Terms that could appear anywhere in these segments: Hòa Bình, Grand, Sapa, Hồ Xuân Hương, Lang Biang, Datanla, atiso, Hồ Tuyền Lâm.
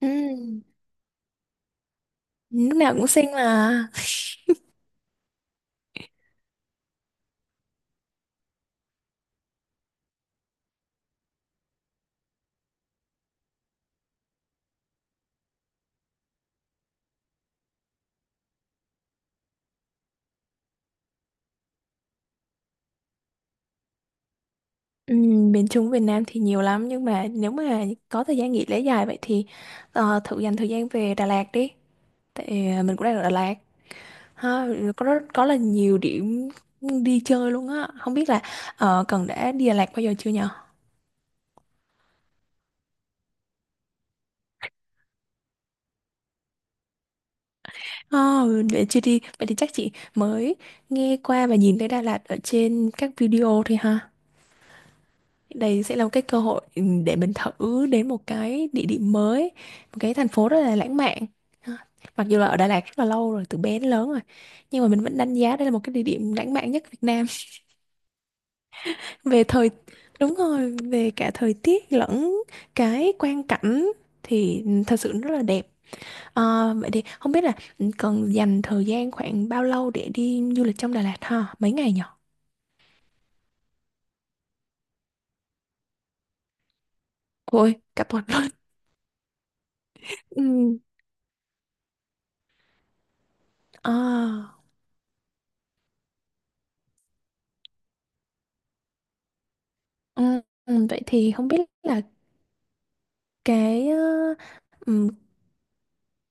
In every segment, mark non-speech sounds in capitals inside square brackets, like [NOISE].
Ừ, lúc nào cũng xinh mà. Ừ, miền Trung Việt Nam thì nhiều lắm nhưng mà nếu mà có thời gian nghỉ lễ dài vậy thì thử dành thời gian về Đà Lạt đi. Tại mình cũng đang ở Đà Lạt. Ha, có là nhiều điểm đi chơi luôn á. Không biết là Cần đã đi Đà Lạt bao giờ chưa nhở? Oh, để chưa đi. Vậy thì chắc chị mới nghe qua và nhìn thấy Đà Lạt ở trên các video thôi ha. Đây sẽ là một cái cơ hội để mình thử đến một cái địa điểm mới, một cái thành phố rất là lãng mạn. Ờ, Mặc dù là ở Đà Lạt rất là lâu rồi, từ bé đến lớn rồi. Nhưng mà mình vẫn đánh giá đây là một cái địa điểm lãng mạn nhất Việt Nam. [LAUGHS] Về thời, đúng rồi, về cả thời tiết lẫn cái quang cảnh thì thật sự rất là đẹp. Vậy thì không biết là cần dành thời gian khoảng bao lâu để đi du lịch trong Đà Lạt ha? Mấy ngày nhỉ? Ôi, cả tuần luôn. [LAUGHS] Ừ. À, ừ, vậy thì không biết là cái ờ, ừm,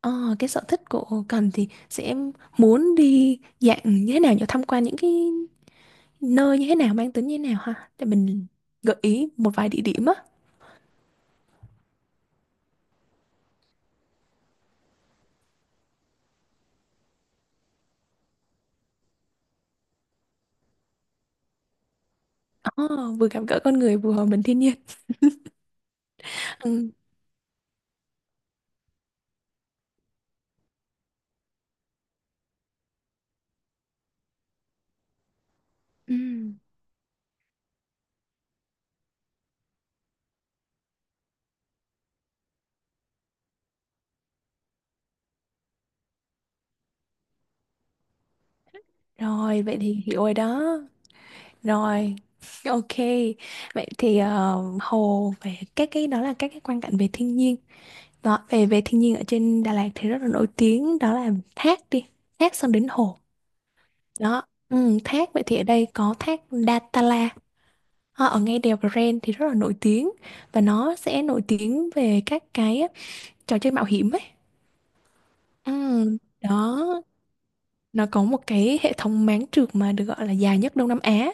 ờ, cái sở thích của Cần thì sẽ muốn đi dạng như thế nào nhỉ, tham quan những cái nơi như thế nào, mang tính như thế nào ha để mình gợi ý một vài địa điểm á. Ờ, vừa gặp gỡ con người vừa hòa mình thiên nhiên. Ừ. ừ. rồi vậy thì hiểu rồi đó rồi. [LAUGHS] OK, vậy thì hồ, về các cái đó là các cái quan cảnh về thiên nhiên đó, về về thiên nhiên ở trên Đà Lạt thì rất là nổi tiếng, đó là thác đi, thác xong đến hồ. Đó, thác vậy thì ở đây có thác Datanla. Ở ngay đèo Grand thì rất là nổi tiếng và nó sẽ nổi tiếng về các cái trò chơi mạo hiểm ấy. Ừ, đó, nó có một cái hệ thống máng trượt mà được gọi là dài nhất Đông Nam Á,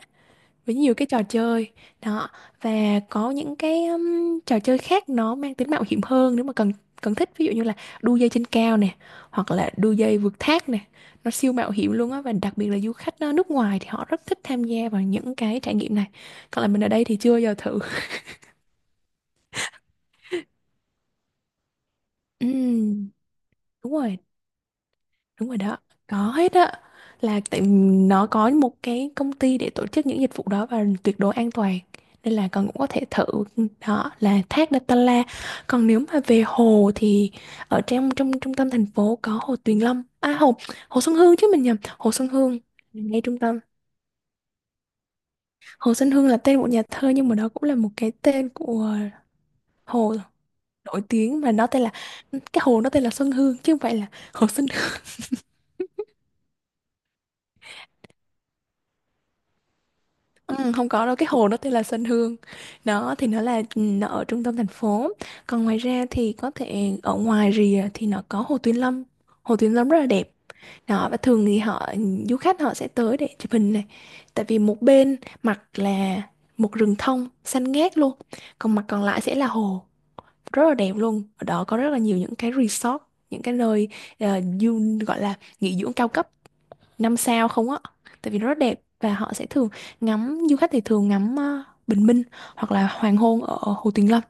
với nhiều cái trò chơi đó, và có những cái trò chơi khác nó mang tính mạo hiểm hơn nếu mà cần cần thích, ví dụ như là đu dây trên cao nè hoặc là đu dây vượt thác nè. Nó siêu mạo hiểm luôn á, và đặc biệt là du khách nước ngoài thì họ rất thích tham gia vào những cái trải nghiệm này. Còn là mình ở đây thì chưa bao giờ thử. Ừm, đúng rồi. Đúng rồi đó, có hết á. Là tại nó có một cái công ty để tổ chức những dịch vụ đó và tuyệt đối an toàn. Nên là con cũng có thể thử, đó là thác Datanla. Còn nếu mà về hồ thì ở trong trong trung tâm thành phố có hồ Tuyền Lâm. À hồ Hồ Xuân Hương chứ mình nhầm, Hồ Xuân Hương ngay trung tâm. Hồ Xuân Hương là tên một nhà thơ nhưng mà đó cũng là một cái tên của hồ nổi tiếng, và nó tên là, cái hồ nó tên là Xuân Hương chứ không phải là Hồ Xuân. Ừ, không có đâu, cái hồ nó tên là Sơn Hương, đó thì nó là, nó ở trung tâm thành phố. Còn ngoài ra thì có thể ở ngoài rìa thì nó có hồ Tuyên Lâm. Hồ Tuyên Lâm rất là đẹp đó, và thường thì họ, du khách họ sẽ tới để chụp hình này, tại vì một bên mặt là một rừng thông xanh ngát luôn, còn mặt còn lại sẽ là hồ, rất là đẹp luôn. Ở đó có rất là nhiều những cái resort, những cái nơi ờ, du gọi là nghỉ dưỡng cao cấp 5 sao không á, tại vì nó rất đẹp. Và họ sẽ thường ngắm du khách thì thường ngắm bình minh hoặc là hoàng hôn ở Hồ Tuyền Lâm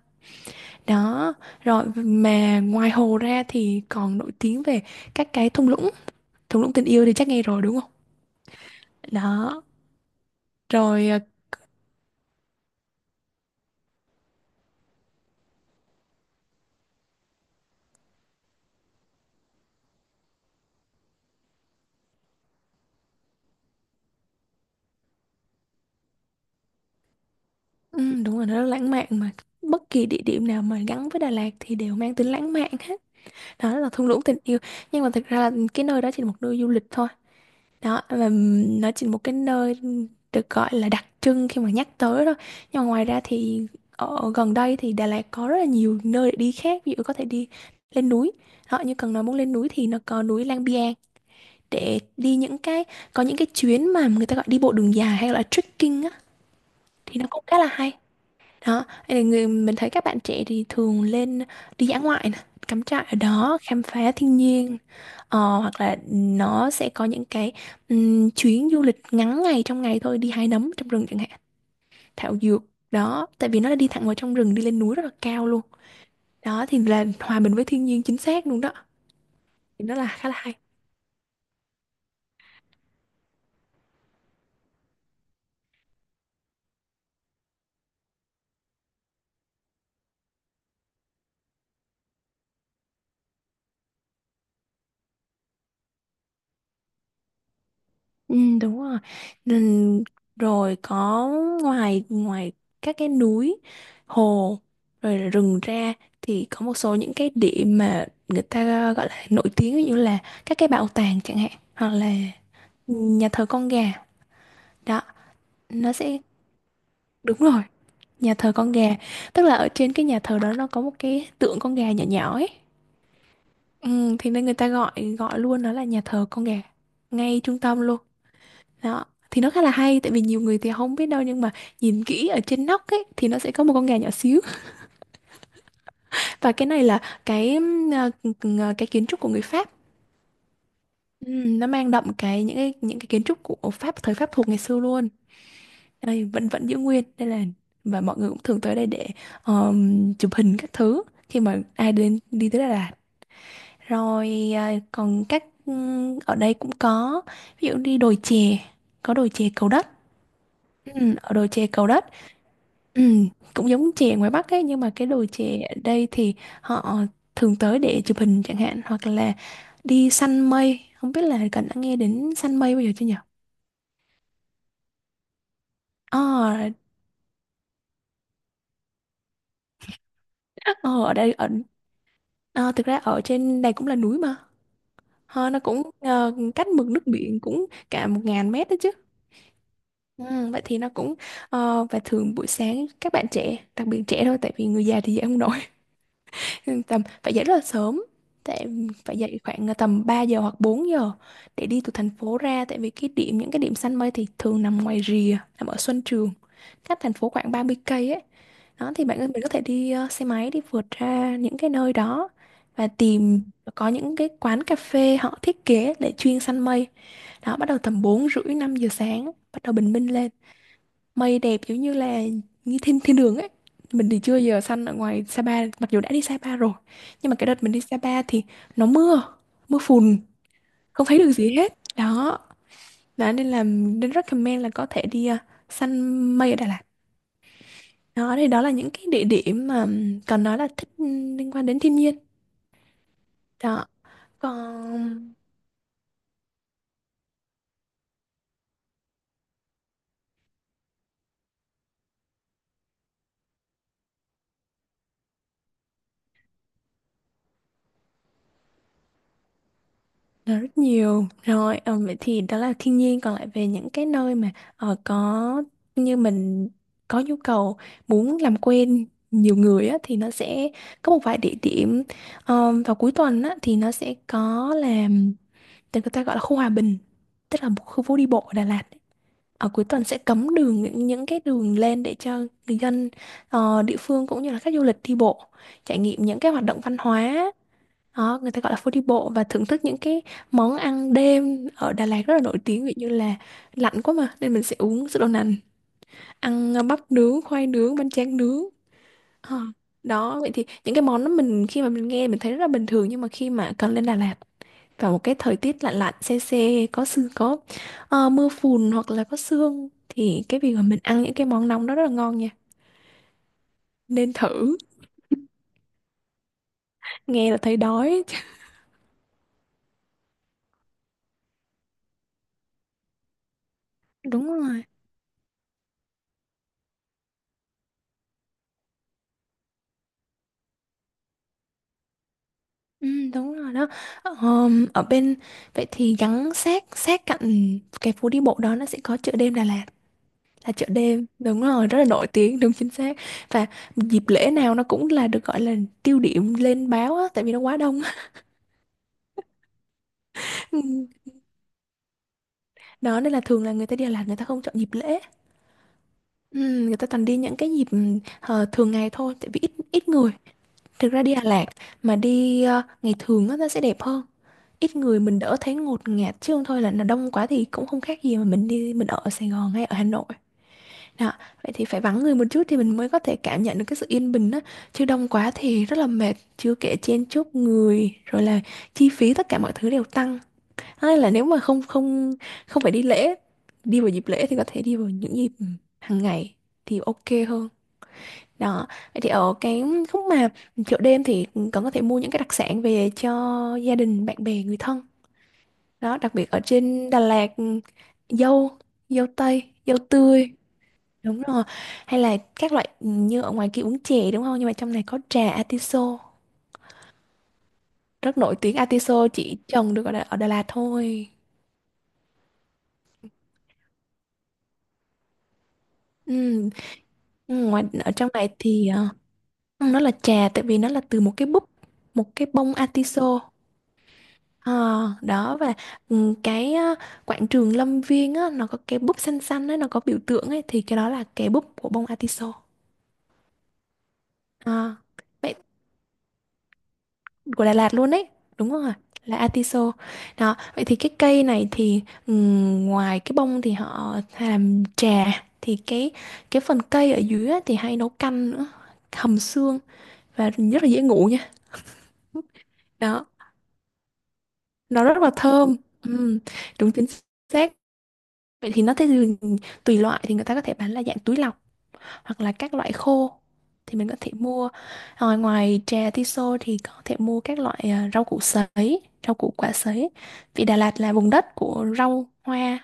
đó. Rồi mà ngoài hồ ra thì còn nổi tiếng về các cái thung lũng, thung lũng tình yêu thì chắc nghe rồi đúng không? Đó rồi, đúng rồi, nó rất lãng mạn mà, bất kỳ địa điểm nào mà gắn với Đà Lạt thì đều mang tính lãng mạn hết. Đó là thung lũng tình yêu, nhưng mà thực ra là cái nơi đó chỉ là một nơi du lịch thôi đó, và nó chỉ một cái nơi được gọi là đặc trưng khi mà nhắc tới thôi. Nhưng mà ngoài ra thì ở gần đây thì Đà Lạt có rất là nhiều nơi để đi khác, ví dụ có thể đi lên núi, họ như cần nói muốn lên núi thì nó có núi Lang Biang, để đi những cái, có những cái chuyến mà người ta gọi đi bộ đường dài hay là trekking á, thì nó cũng khá là hay đó. Hay là người, mình thấy các bạn trẻ thì thường lên đi dã ngoại nè, cắm trại ở đó, khám phá thiên nhiên. Hoặc là nó sẽ có những cái chuyến du lịch ngắn ngày, trong ngày thôi, đi hái nấm trong rừng chẳng hạn, thảo dược, đó, tại vì nó là đi thẳng vào trong rừng, đi lên núi rất là cao luôn, đó thì là hòa mình với thiên nhiên chính xác luôn đó, thì nó là khá là hay. Ừ, đúng rồi. Nên- rồi có, ngoài ngoài các cái núi, hồ, rồi là rừng ra, thì có một số những cái điểm mà người ta gọi là nổi tiếng, ví dụ như là các cái bảo tàng chẳng hạn, hoặc là nhà thờ con gà. Đó, nó sẽ, đúng rồi, nhà thờ con gà, tức là ở trên cái nhà thờ đó nó có một cái tượng con gà nhỏ nhỏ ấy, ừ, thì nên người ta gọi gọi luôn nó là nhà thờ con gà, ngay trung tâm luôn đó. Thì nó khá là hay tại vì nhiều người thì không biết đâu, nhưng mà nhìn kỹ ở trên nóc ấy thì nó sẽ có một con gà nhỏ xíu. Và cái này là cái kiến trúc của người Pháp. Ừ, nó mang đậm cái, những cái kiến trúc của Pháp thời Pháp thuộc ngày xưa luôn, đây vẫn vẫn giữ nguyên đây là. Và mọi người cũng thường tới đây để chụp hình các thứ khi mà ai đến đi tới Đà Lạt. Rồi còn các ở đây cũng có, ví dụ đi đồi chè, có đồi chè Cầu Đất. Ở đồi chè Cầu Đất ừm, cũng giống chè ngoài Bắc ấy, nhưng mà cái đồi chè ở đây thì họ thường tới để chụp hình chẳng hạn, hoặc là đi săn mây. Không biết là Cần đã nghe đến săn mây bao giờ chưa nhỉ? Ờ, ờ, ở đây ở ờ, thực ra ở trên này cũng là núi mà. Nó cũng cách mực nước biển cũng cả 1.000 mét đó chứ. Ừ, vậy thì nó cũng, và thường buổi sáng các bạn trẻ, đặc biệt trẻ thôi tại vì người già thì dậy không nổi, [LAUGHS] tầm phải dậy rất là sớm. Tại phải dậy khoảng tầm 3 giờ hoặc 4 giờ, để đi từ thành phố ra, tại vì cái điểm những cái điểm săn mây thì thường nằm ngoài rìa, nằm ở Xuân Trường, cách thành phố khoảng 30 cây ấy. Đó thì bạn mình có thể đi xe máy đi vượt ra những cái nơi đó và tìm, có những cái quán cà phê họ thiết kế để chuyên săn mây đó. Bắt đầu tầm 4 rưỡi 5 giờ sáng bắt đầu bình minh lên. Mây đẹp giống như là như thiên thiên đường ấy. Mình thì chưa giờ săn ở ngoài Sapa mặc dù đã đi Sapa rồi. Nhưng mà cái đợt mình đi Sapa thì nó mưa, mưa phùn, không thấy được gì hết. Đó, nên recommend là có thể đi săn mây ở Đà Lạt. Đó thì đó là những cái địa điểm mà, còn nói là thích liên quan đến thiên nhiên. Đó. Còn nó rất nhiều rồi, vậy thì đó là thiên nhiên, còn lại về những cái nơi mà có, như mình có nhu cầu muốn làm quen nhiều người á, thì nó sẽ có một vài địa điểm. Vào cuối tuần á, thì nó sẽ có làm tên người ta gọi là khu Hòa Bình, tức là một khu phố đi bộ ở Đà Lạt ấy. Ở cuối tuần sẽ cấm đường những cái đường lên để cho người dân địa phương cũng như là khách du lịch đi bộ trải nghiệm những cái hoạt động văn hóa đó. Người ta gọi là phố đi bộ, và thưởng thức những cái món ăn đêm ở Đà Lạt rất là nổi tiếng, ví dụ như là lạnh quá mà nên mình sẽ uống sữa đậu nành, ăn bắp nướng, khoai nướng, bánh tráng nướng. Ờ, Đó, vậy thì những cái món đó mình khi mà mình nghe mình thấy rất là bình thường, nhưng mà khi mà cần lên Đà Lạt vào một cái thời tiết lạnh lạnh se se có sương, có mưa phùn hoặc là có sương thì cái việc mà mình ăn những cái món nóng đó rất là ngon nha. Nên thử, nghe là thấy đói. [LAUGHS] Đúng rồi. Ừ, đúng rồi đó. Ở bên, vậy thì gắn sát sát cạnh cái phố đi bộ đó nó sẽ có chợ đêm Đà Lạt, là chợ đêm đúng rồi, rất là nổi tiếng, đúng chính xác. Và dịp lễ nào nó cũng là được gọi là tiêu điểm lên báo á, tại vì nó quá đông. [LAUGHS] Ừ, đó nên là thường là người ta đi Đà Lạt người ta không chọn dịp lễ. Ừ, Người ta toàn đi những cái dịp thường ngày thôi, tại vì ít ít người. Thực ra đi Đà Lạt mà đi ngày thường á, nó sẽ đẹp hơn. Ít người mình đỡ thấy ngột ngạt, chứ không thôi là nó đông quá thì cũng không khác gì mà mình đi mình ở Sài Gòn hay ở Hà Nội. Đó, vậy thì phải vắng người một chút thì mình mới có thể cảm nhận được cái sự yên bình á. Chứ đông quá thì rất là mệt, chưa kể chen chúc người rồi là chi phí tất cả mọi thứ đều tăng. Thế nên là nếu mà không không không phải đi lễ, đi vào dịp lễ thì có thể đi vào những dịp hàng ngày thì ok hơn. Đó, vậy thì ở cái khúc mà chợ đêm thì còn có thể mua những cái đặc sản về cho gia đình, bạn bè, người thân. Đó, đặc biệt ở trên Đà Lạt, dâu, dâu tây, dâu tươi, đúng rồi. Hay là các loại như ở ngoài kia uống chè đúng không? Nhưng mà trong này có trà atiso, rất nổi tiếng. Atiso chỉ trồng được ở Đà Lạt thôi. Ừ. Ngoài ở trong này thì nó là trà tại vì nó là từ một cái búp, một cái bông atiso. Ờ, Đó, và cái quảng trường Lâm Viên á, nó có cái búp xanh xanh á, nó có biểu tượng ấy, thì cái đó là cái búp của bông atiso. À, vậy của Đà Lạt luôn đấy, đúng rồi, là atiso. Đó, vậy thì cái cây này thì ngoài cái bông thì họ làm trà, thì cái phần cây ở dưới á, thì hay nấu canh nữa, hầm xương, và rất là dễ ngủ nha. Đó, nó rất là thơm. Ừm, đúng chính xác. Vậy thì nó, thế thì tùy loại thì người ta có thể bán là dạng túi lọc hoặc là các loại khô thì mình có thể mua. Rồi ngoài trà tiso thì có thể mua các loại rau củ sấy, rau củ quả sấy, vì Đà Lạt là vùng đất của rau hoa,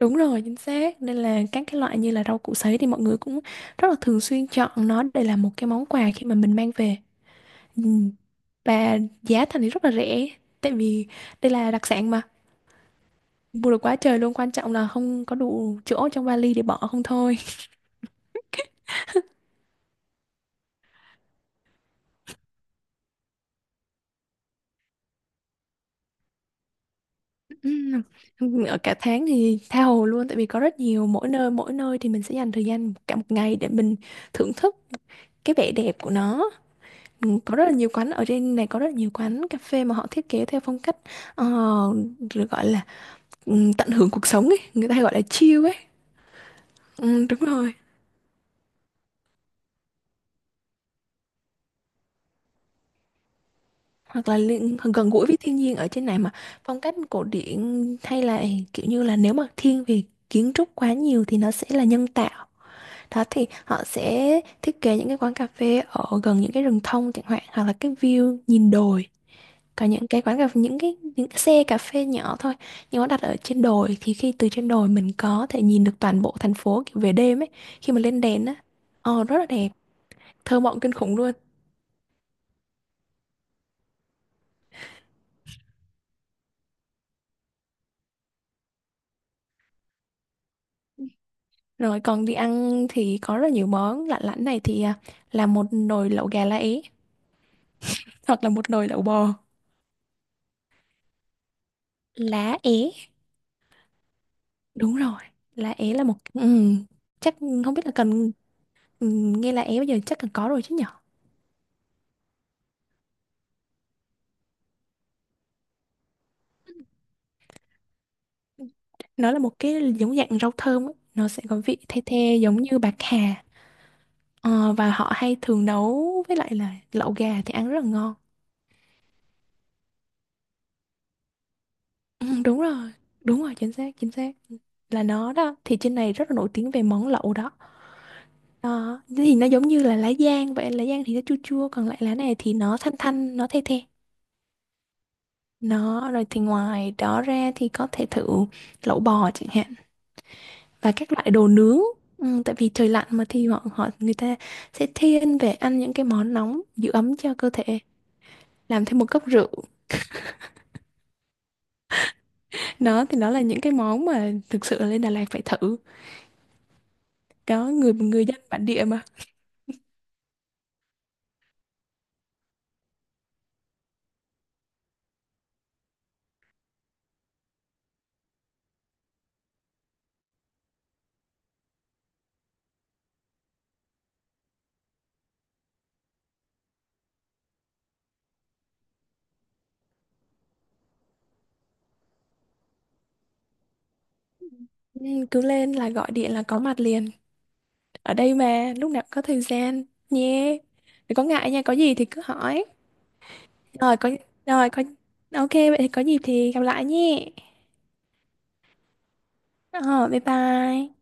đúng rồi chính xác. Nên là các cái loại như là rau củ sấy thì mọi người cũng rất là thường xuyên chọn nó để làm một cái món quà khi mà mình mang về. ừ. Và giá thành thì rất là rẻ, tại vì đây là đặc sản mà, mua được quá trời luôn, quan trọng là không có đủ chỗ trong vali để bỏ không thôi. Ở cả tháng thì tha hồ luôn, tại vì có rất nhiều, mỗi nơi thì mình sẽ dành thời gian cả một ngày để mình thưởng thức cái vẻ đẹp của nó. Có rất là nhiều quán ở trên này, có rất là nhiều quán cà phê mà họ thiết kế theo phong cách ờ, được gọi là tận hưởng cuộc sống ấy, người ta hay gọi là chill ấy. Đúng rồi. Hoặc là gần gũi với thiên nhiên ở trên này mà, phong cách cổ điển hay là kiểu như là nếu mà thiên về kiến trúc quá nhiều thì nó sẽ là nhân tạo. Đó, thì họ sẽ thiết kế những cái quán cà phê ở gần những cái rừng thông chẳng hạn, hoặc là cái view nhìn đồi. Còn những cái quán cà phê, những cái xe cà phê nhỏ thôi, nhưng nó đặt ở trên đồi thì khi từ trên đồi mình có thể nhìn được toàn bộ thành phố kiểu về đêm ấy, khi mà lên đèn á, ồ rất là đẹp, thơ mộng kinh khủng luôn. Rồi còn đi ăn thì có rất là nhiều món lạ lẫm này thì là một nồi lẩu gà lá é, hoặc là một nồi lẩu bò. Lá é, đúng rồi. Lá é là một chắc không biết là cần. Ừ, Nghe là em bây giờ chắc là có rồi chứ nhở. Nó là một cái giống dạng rau thơm ấy. Nó sẽ có vị the the giống như bạc hà. Và họ hay thường nấu với lại là lẩu gà thì ăn rất là ngon. Ừ, đúng rồi, đúng rồi chính xác chính xác, là nó đó, thì trên này rất là nổi tiếng về món lẩu đó. Đó, thì nó giống như là lá giang vậy, lá giang thì nó chua chua, còn lại lá này thì nó thanh thanh, nó the the. Nó rồi thì ngoài đó ra thì có thể thử lẩu bò chẳng hạn và các loại đồ nướng. Tại vì trời lạnh mà thì họ họ người ta sẽ thiên về ăn những cái món nóng giữ ấm cho cơ thể, làm thêm một cốc rượu. Đó thì đó là những cái món mà thực sự là lên Đà Lạt phải thử. Đó, người người dân bản địa mà. Ừ, Cứ lên là gọi điện là có mặt liền, ở đây mà lúc nào cũng có thời gian nhé. Đừng có ngại nha, có gì thì cứ hỏi. Rồi có rồi có, ok vậy thì có dịp thì gặp lại nhé. Ờ, bye bye.